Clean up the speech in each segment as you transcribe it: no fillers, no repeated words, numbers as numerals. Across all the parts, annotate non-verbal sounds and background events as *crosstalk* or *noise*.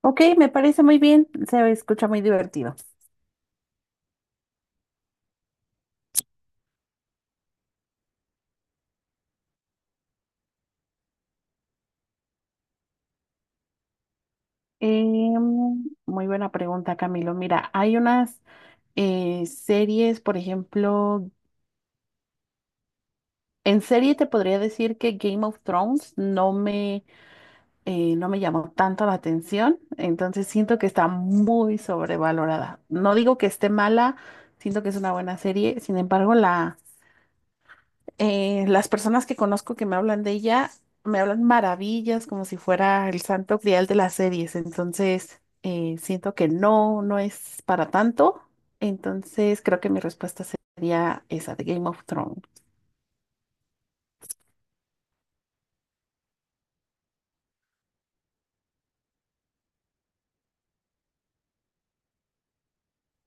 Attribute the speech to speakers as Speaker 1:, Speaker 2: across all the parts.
Speaker 1: Ok, me parece muy bien, se escucha muy divertido. Muy buena pregunta, Camilo. Mira, hay unas series, por ejemplo, en serie te podría decir que Game of Thrones no no me llamó tanto la atención, entonces siento que está muy sobrevalorada. No digo que esté mala, siento que es una buena serie, sin embargo, las personas que conozco que me hablan de ella me hablan maravillas como si fuera el santo grial de las series. Entonces, siento que no es para tanto. Entonces, creo que mi respuesta sería esa de Game of Thrones.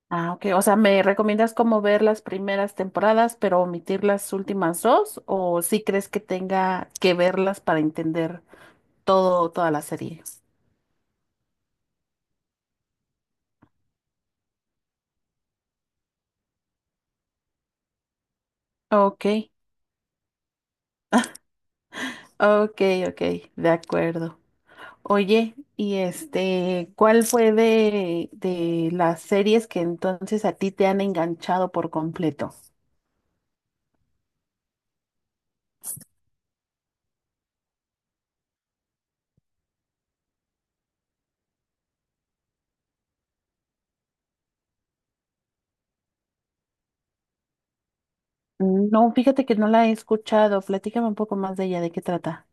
Speaker 1: Ah, ok. O sea, ¿me recomiendas cómo ver las primeras temporadas, pero omitir las últimas dos? ¿O si crees que tenga que verlas para entender toda la serie? Ok, ok, ok, de acuerdo. Oye, y este, ¿cuál fue de las series que entonces a ti te han enganchado por completo? No, fíjate que no la he escuchado. Platícame un poco más de ella, ¿de qué trata?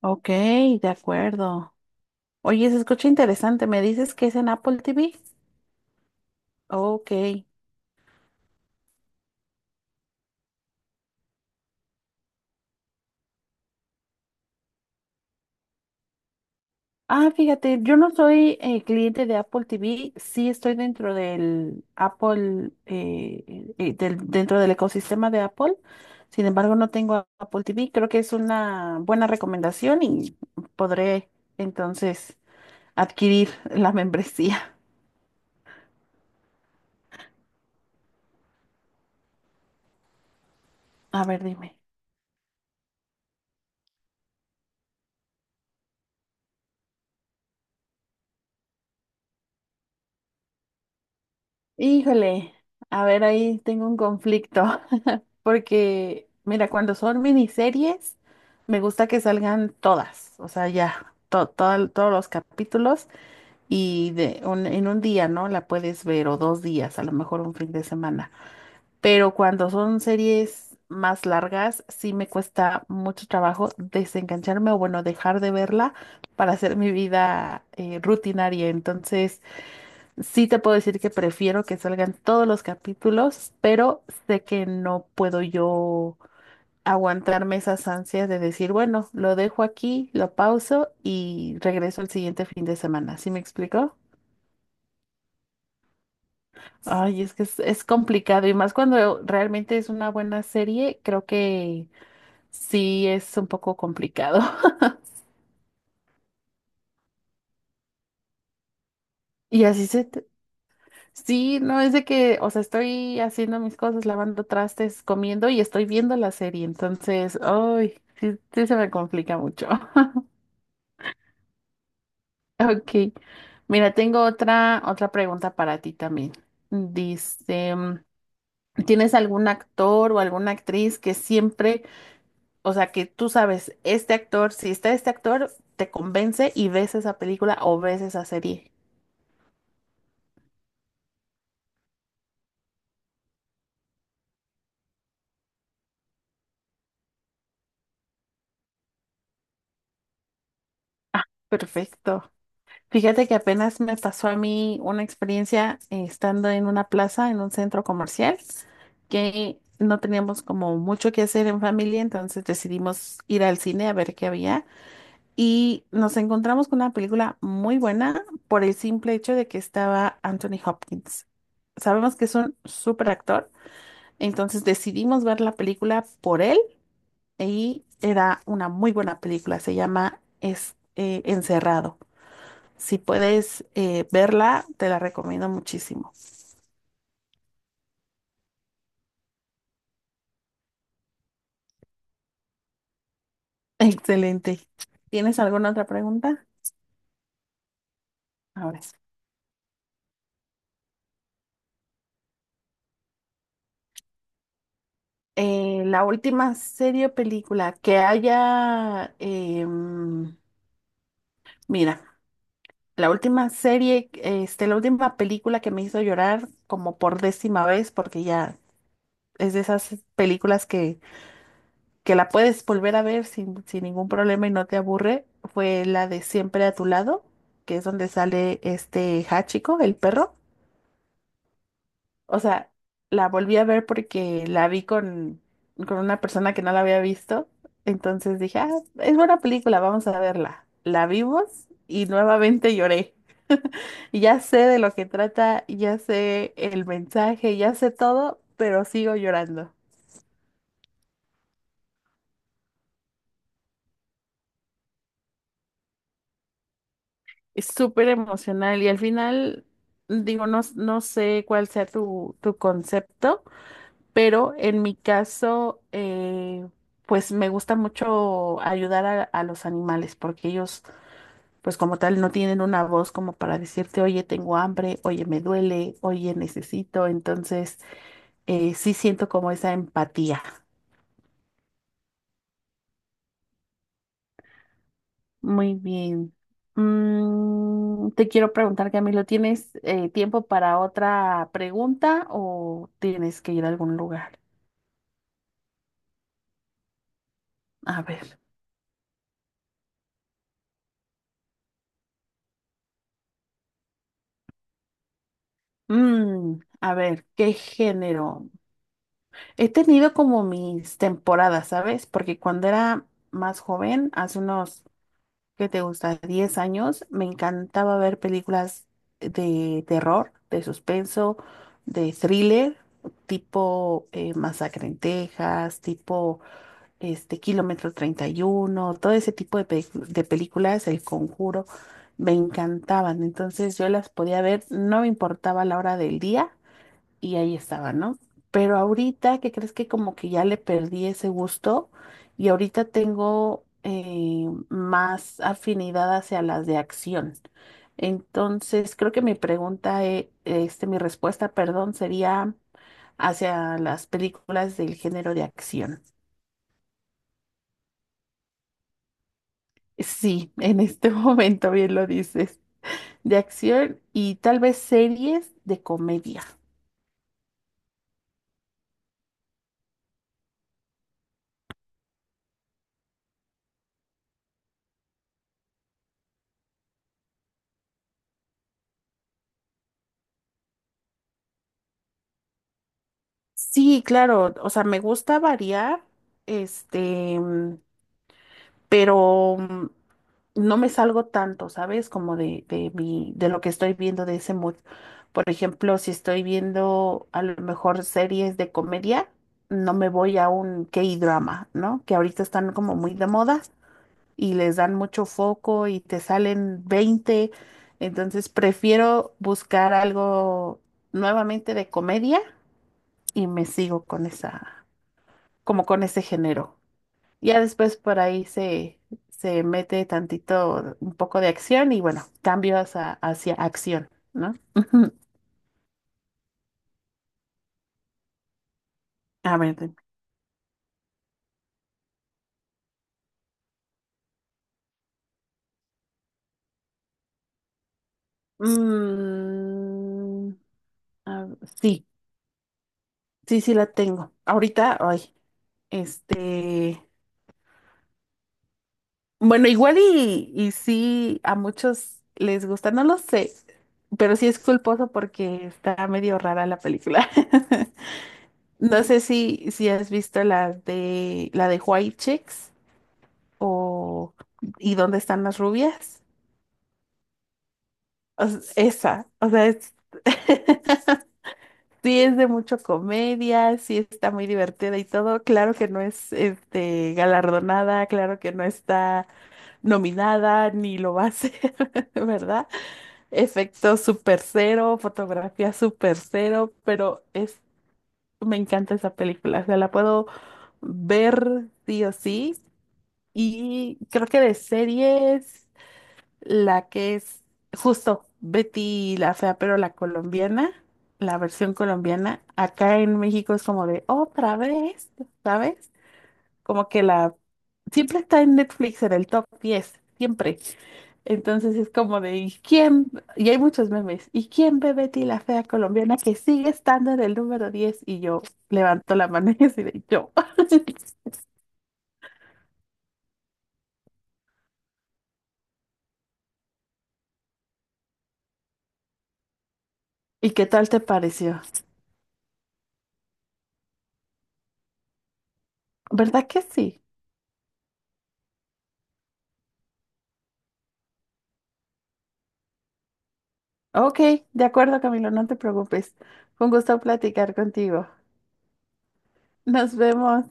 Speaker 1: Ok, de acuerdo. Oye, se escucha interesante. ¿Me dices que es en Apple TV? Ok. Ah, fíjate, yo no soy cliente de Apple TV, sí estoy dentro del Apple, dentro del ecosistema de Apple. Sin embargo, no tengo Apple TV. Creo que es una buena recomendación y podré entonces adquirir *laughs* la membresía. A ver, dime. Híjole, a ver, ahí tengo un conflicto, *laughs* porque mira, cuando son miniseries, me gusta que salgan todas, o sea, ya, todos los capítulos, y de en un día, ¿no? La puedes ver o dos días, a lo mejor un fin de semana. Pero cuando son series más largas, sí me cuesta mucho trabajo desengancharme o bueno, dejar de verla para hacer mi vida rutinaria. Entonces, sí te puedo decir que prefiero que salgan todos los capítulos, pero sé que no puedo yo aguantarme esas ansias de decir, bueno, lo dejo aquí, lo pauso y regreso el siguiente fin de semana. ¿Sí me explico? Ay, es que es complicado y más cuando realmente es una buena serie, creo que sí es un poco complicado. *laughs* Y así se... Sí, no es de que, o sea, estoy haciendo mis cosas, lavando trastes, comiendo y estoy viendo la serie, entonces, ay, sí, sí se me complica mucho. *laughs* Ok, mira, tengo otra pregunta para ti también. Dice, ¿tienes algún actor o alguna actriz que siempre? O sea, que tú sabes, este actor, si está este actor, te convence y ves esa película o ves esa serie. Ah, perfecto. Fíjate que apenas me pasó a mí una experiencia estando en una plaza, en un centro comercial, que no teníamos como mucho que hacer en familia, entonces decidimos ir al cine a ver qué había y nos encontramos con una película muy buena por el simple hecho de que estaba Anthony Hopkins. Sabemos que es un súper actor. Entonces decidimos ver la película por él y era una muy buena película. Se llama Encerrado. Si puedes verla, te la recomiendo muchísimo. *laughs* Excelente. ¿Tienes alguna otra pregunta? Ahora sí. La última serie o película que haya, mira, la última película que me hizo llorar como por décima vez, porque ya es de esas películas que la puedes volver a ver sin ningún problema y no te aburre, fue la de Siempre a tu lado, que es donde sale este Hachiko, el perro. O sea, la volví a ver porque la vi con una persona que no la había visto. Entonces dije, ah, es buena película, vamos a verla. La vimos y nuevamente lloré. *laughs* Y ya sé de lo que trata, ya sé el mensaje, ya sé todo, pero sigo llorando. Es súper emocional y al final, digo, no, no sé cuál sea tu concepto, pero en mi caso, pues me gusta mucho ayudar a los animales porque ellos, pues como tal, no tienen una voz como para decirte, oye, tengo hambre, oye, me duele, oye, necesito. Entonces, sí siento como esa empatía. Muy bien. Te quiero preguntar, Camilo, ¿tienes tiempo para otra pregunta o tienes que ir a algún lugar? A ver. A ver, ¿qué género? He tenido como mis temporadas, ¿sabes? Porque cuando era más joven, hace unos, ¿qué te gusta? 10 años, me encantaba ver películas de terror, de suspenso, de thriller, tipo Masacre en Texas, tipo... este, Kilómetro treinta y uno, todo ese tipo de, de películas, El Conjuro, me encantaban. Entonces yo las podía ver, no me importaba la hora del día y ahí estaba, ¿no? Pero ahorita, ¿qué crees que como que ya le perdí ese gusto? Y ahorita tengo más afinidad hacia las de acción. Entonces, creo que mi pregunta, mi respuesta, perdón, sería hacia las películas del género de acción. Sí, en este *laughs* momento bien lo dices, de acción y tal vez series de comedia. Sí, claro, o sea, me gusta variar, este, mm, pero mm, no me salgo tanto, ¿sabes? Como de mi, de lo que estoy viendo de ese mood. Por ejemplo, si estoy viendo a lo mejor series de comedia, no me voy a un K-drama, ¿no? Que ahorita están como muy de moda, y les dan mucho foco y te salen veinte. Entonces prefiero buscar algo nuevamente de comedia y me sigo con esa, como con ese género. Ya después por ahí se mete tantito, un poco de acción y bueno, cambios hacia acción, ¿no? *laughs* A ver. Mm, a- sí, sí, sí la tengo. Ahorita, ay, este. Bueno, igual y sí, a muchos les gusta, no lo sé, pero sí es culposo porque está medio rara la película. *laughs* No sé si has visto la de White Chicks o ¿Y dónde están las rubias? Esa, o sea, es, *laughs* sí es de mucho comedia, sí está muy divertida y todo. Claro que no es este galardonada, claro que no está nominada ni lo va a ser, *laughs* ¿verdad? Efectos super cero, fotografía super cero, pero es, me encanta esa película, o sea, la puedo ver sí o sí. Y creo que de series, la que es justo Betty la Fea, pero la colombiana, la versión colombiana, acá en México es como de otra vez, ¿sabes? Como que la, siempre está en Netflix en el top 10 siempre. Entonces es como de, ¿y quién? Y hay muchos memes. ¿Y quién ve Betty la fea colombiana que sigue estando en el número 10? Y yo levanto la mano *laughs* y así de yo. *laughs* ¿Y qué tal te pareció? ¿Verdad que sí? Ok, de acuerdo, Camilo, no te preocupes. Fue un gusto platicar contigo. Nos vemos.